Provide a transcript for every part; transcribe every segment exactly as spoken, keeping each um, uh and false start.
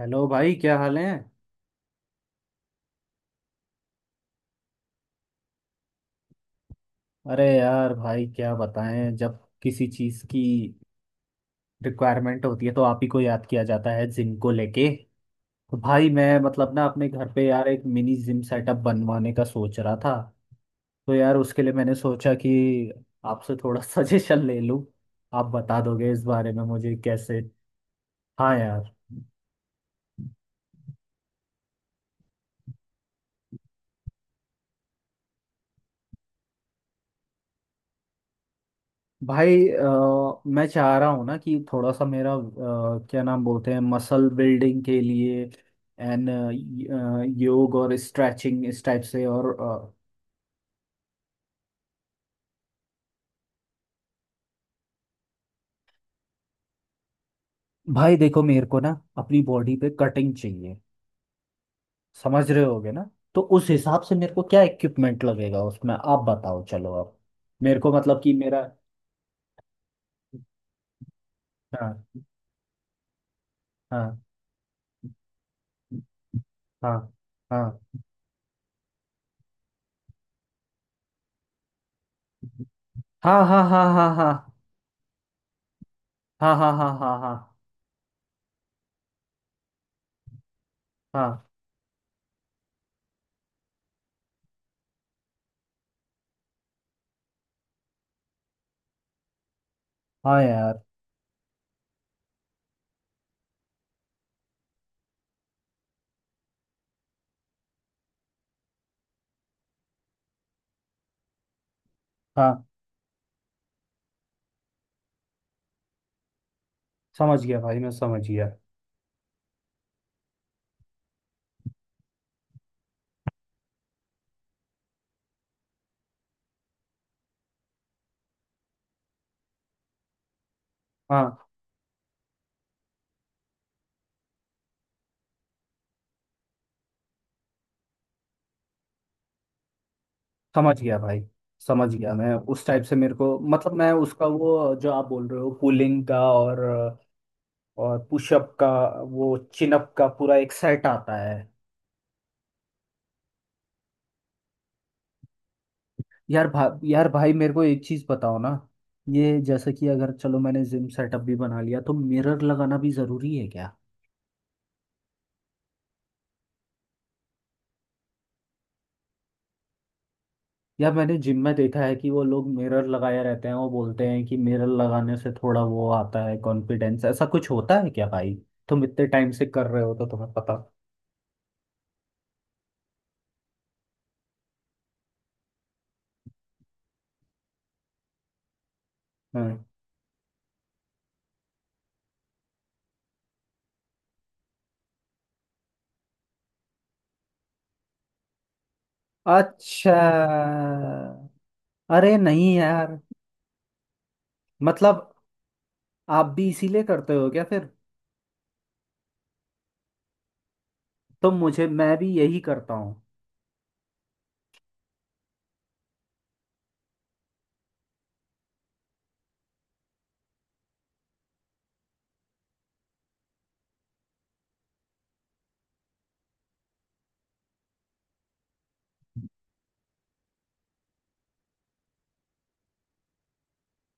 Hello भाई, क्या हाल है। अरे यार भाई, क्या बताएं, जब किसी चीज़ की रिक्वायरमेंट होती है तो आप ही को याद किया जाता है, जिम को लेके। तो भाई मैं, मतलब ना, अपने घर पे यार एक मिनी जिम सेटअप बनवाने का सोच रहा था। तो यार उसके लिए मैंने सोचा कि आपसे थोड़ा सजेशन ले लूं। आप बता दोगे इस बारे में मुझे, कैसे? हाँ यार। भाई अ, मैं चाह रहा हूँ ना कि थोड़ा सा मेरा अ, क्या नाम बोलते हैं, मसल बिल्डिंग के लिए, एंड योग और स्ट्रेचिंग इस टाइप से। और अ, भाई देखो, मेरे को ना, अपनी बॉडी पे कटिंग चाहिए। समझ रहे होगे ना। तो उस हिसाब से मेरे को क्या इक्विपमेंट लगेगा उसमें, आप बताओ चलो अब। मेरे को मतलब कि मेरा। हाँ, हाँ, हाँ, हाँ, हाँ, हाँ, हाँ, हाँ, हाँ, हाँ, हाँ, हाँ, हाँ, हाँ, हाँ, हाँ यार, हाँ। समझ गया भाई, मैं समझ गया। हाँ। समझ गया भाई, समझ गया। मैं उस टाइप से, मेरे को मतलब, मैं उसका वो जो आप बोल रहे हो, पुलिंग का और और पुशअप का, वो चिनअप का पूरा एक सेट आता है। यार भा, यार भाई मेरे को एक चीज़ बताओ ना। ये जैसे कि अगर, चलो, मैंने जिम सेटअप भी बना लिया तो मिरर लगाना भी ज़रूरी है क्या? यार मैंने जिम में देखा है कि वो लोग मिरर लगाए रहते हैं, वो बोलते हैं कि मिरर लगाने से थोड़ा वो आता है कॉन्फिडेंस, ऐसा कुछ होता है क्या भाई? तुम इतने टाइम से कर रहे हो तो तुम्हें पता। हाँ। अच्छा। अरे नहीं यार। मतलब आप भी इसीलिए करते हो क्या फिर? तो मुझे, मैं भी यही करता हूँ।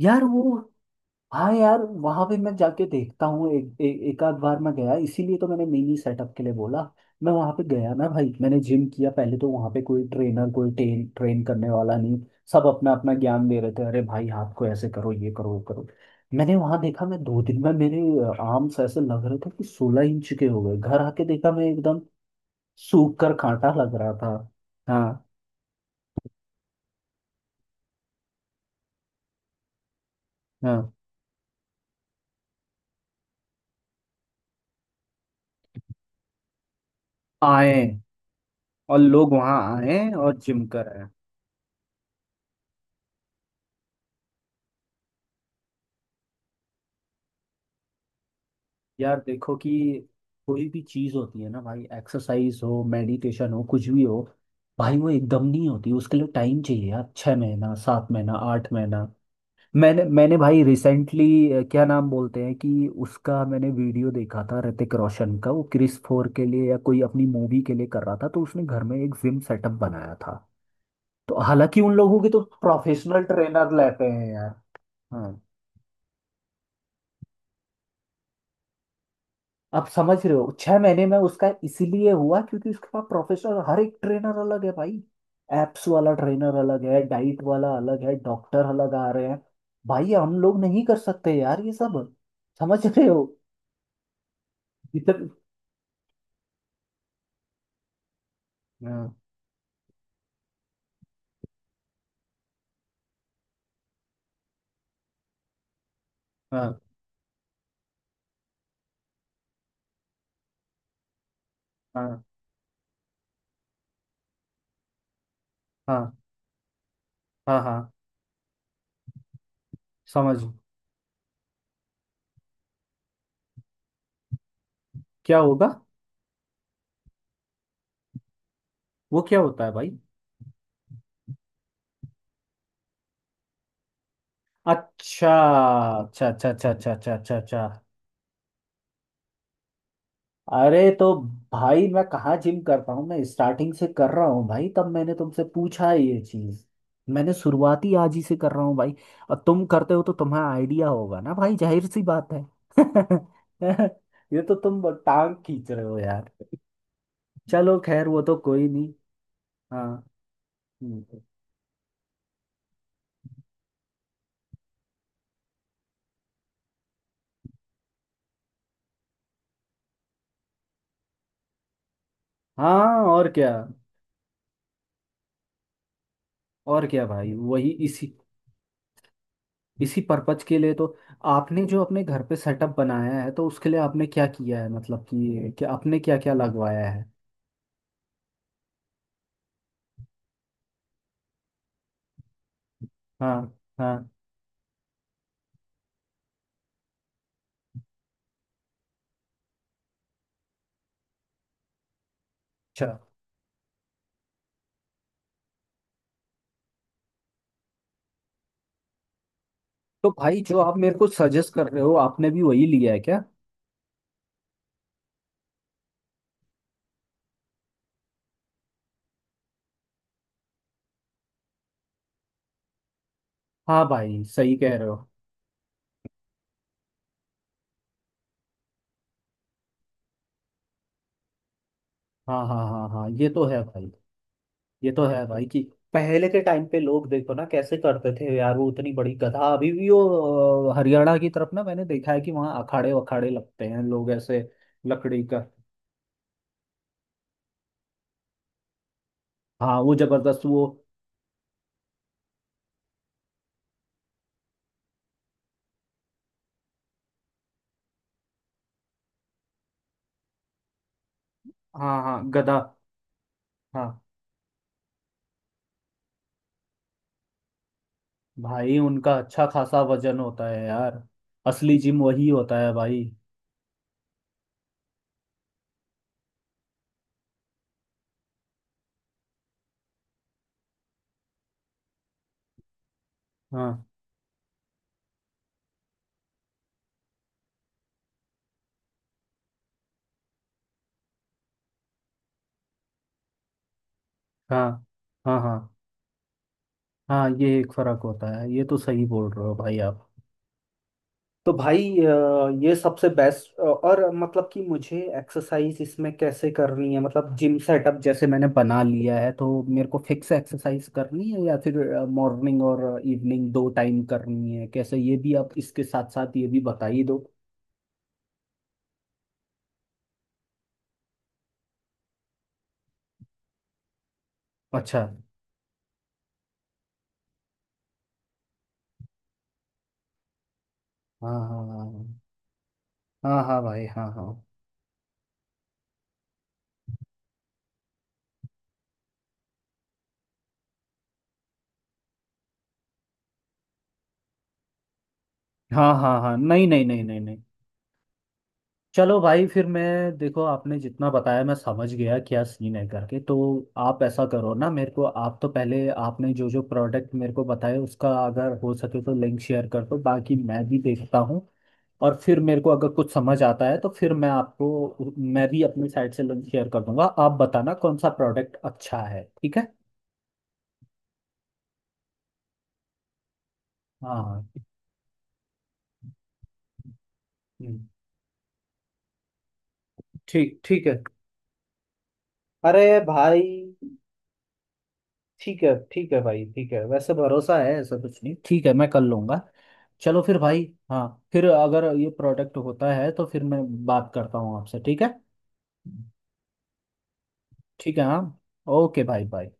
यार वो। हाँ यार, वहां पे मैं जाके देखता हूँ। एक एक, एक आध बार मैं गया, इसीलिए तो मैंने मिनी सेटअप के लिए बोला। मैं वहां पे गया ना भाई, मैंने जिम किया पहले तो वहां पे कोई ट्रेनर, कोई ट्रेन ट्रेन करने वाला नहीं। सब अपना अपना ज्ञान दे रहे थे, अरे भाई हाथ को ऐसे करो, ये करो, वो करो। मैंने वहां देखा, मैं दो दिन में, मेरे आर्म्स ऐसे लग रहे थे कि सोलह इंच के हो गए। घर आके देखा, मैं एकदम सूख कर कांटा लग रहा था। हाँ हाँ। आए, और लोग वहां आए, और जिम कर आए। यार देखो कि कोई भी चीज होती है ना भाई, एक्सरसाइज हो, मेडिटेशन हो, कुछ भी हो। भाई वो एकदम नहीं होती, उसके लिए टाइम चाहिए यार, छः महीना, सात महीना, आठ महीना। मैंने मैंने भाई रिसेंटली, क्या नाम बोलते हैं कि उसका, मैंने वीडियो देखा था ऋतिक रोशन का, वो क्रिस फोर के लिए या कोई अपनी मूवी के लिए कर रहा था, तो उसने घर में एक जिम सेटअप बनाया था। तो हालांकि उन लोगों के तो प्रोफेशनल ट्रेनर लेते हैं यार। हाँ। आप समझ रहे हो, छह महीने में उसका इसीलिए हुआ क्योंकि उसके पास प्रोफेशनल, हर एक ट्रेनर अलग है भाई। एप्स वाला ट्रेनर अलग है, डाइट वाला अलग है, डॉक्टर अलग आ रहे हैं। भाई हम लोग नहीं कर सकते यार ये सब। समझ रहे हो। इधर। हाँ, हाँ, हाँ, हाँ, हाँ, हाँ। समझ। क्या होगा? वो क्या होता है भाई? अच्छा, अच्छा, अच्छा, अच्छा, अच्छा, अच्छा, अच्छा, अच्छा। अरे तो। भाई मैं कहाँ जिम करता हूँ, मैं स्टार्टिंग से कर रहा हूँ भाई, तब मैंने तुमसे पूछा है ये चीज। मैंने शुरुआती आज ही से कर रहा हूँ भाई। और तुम करते हो तो तुम्हें आइडिया होगा ना भाई, जाहिर सी बात है। ये तो तुम टांग खींच रहे हो यार। चलो खैर, वो तो कोई नहीं। हाँ। हम्म। हाँ, और क्या। और क्या भाई, वही इसी इसी पर्पज के लिए तो आपने जो अपने घर पे सेटअप बनाया है तो उसके लिए आपने क्या किया है, मतलब कि क्या आपने क्या क्या लगवाया है? हाँ। हाँ। अच्छा। तो भाई जो आप मेरे को सजेस्ट कर रहे हो, आपने भी वही लिया है क्या? हाँ भाई सही कह रहे हो। हाँ, हाँ, हाँ, हाँ, ये तो है भाई। ये तो है भाई कि पहले के टाइम पे लोग देखो ना कैसे करते थे यार, वो उतनी बड़ी गधा। अभी भी वो अ, हरियाणा की तरफ ना, मैंने देखा है कि वहाँ अखाड़े वखाड़े लगते हैं लोग ऐसे। लकड़ी का। हाँ वो जबरदस्त वो। हाँ, हाँ गधा। हाँ। भाई उनका अच्छा खासा वजन होता है यार। असली जिम वही होता है भाई। हाँ, हाँ, हाँ, हाँ, हाँ। ये एक फर्क होता है, ये तो सही बोल रहे हो भाई आप। तो भाई अ, ये सबसे बेस्ट, और मतलब कि मुझे एक्सरसाइज इसमें कैसे करनी है, मतलब जिम सेटअप जैसे मैंने बना लिया है तो मेरे को फिक्स एक्सरसाइज करनी है या फिर मॉर्निंग और इवनिंग दो टाइम करनी है, कैसे? ये भी आप इसके साथ साथ ये भी बता ही दो। अच्छा। हाँ, हाँ, हाँ। हाँ, हाँ भाई, हाँ, हाँ। हाँ, हाँ, हाँ, नहीं, नहीं, नहीं, नहीं, नहीं। चलो भाई, फिर मैं। देखो आपने जितना बताया मैं समझ गया क्या सीन है करके, तो। आप ऐसा करो ना, मेरे को आप तो पहले आपने जो जो प्रोडक्ट मेरे को बताए उसका अगर हो सके तो लिंक शेयर कर दो, बाकी मैं भी देखता हूँ। और फिर मेरे को अगर कुछ समझ आता है तो फिर मैं आपको, मैं भी अपनी साइड से लिंक शेयर कर दूंगा, आप बताना कौन सा प्रोडक्ट अच्छा है, ठीक है? हाँ। हम्म, ठीक, ठीक है। अरे भाई। ठीक है, ठीक है भाई, ठीक है, वैसे भरोसा है ऐसा कुछ नहीं, ठीक है, मैं कर लूंगा। चलो फिर भाई। हाँ। फिर अगर ये प्रोडक्ट होता है तो फिर मैं बात करता हूँ आपसे, ठीक है? ठीक है, हाँ। ओके भाई, बाय।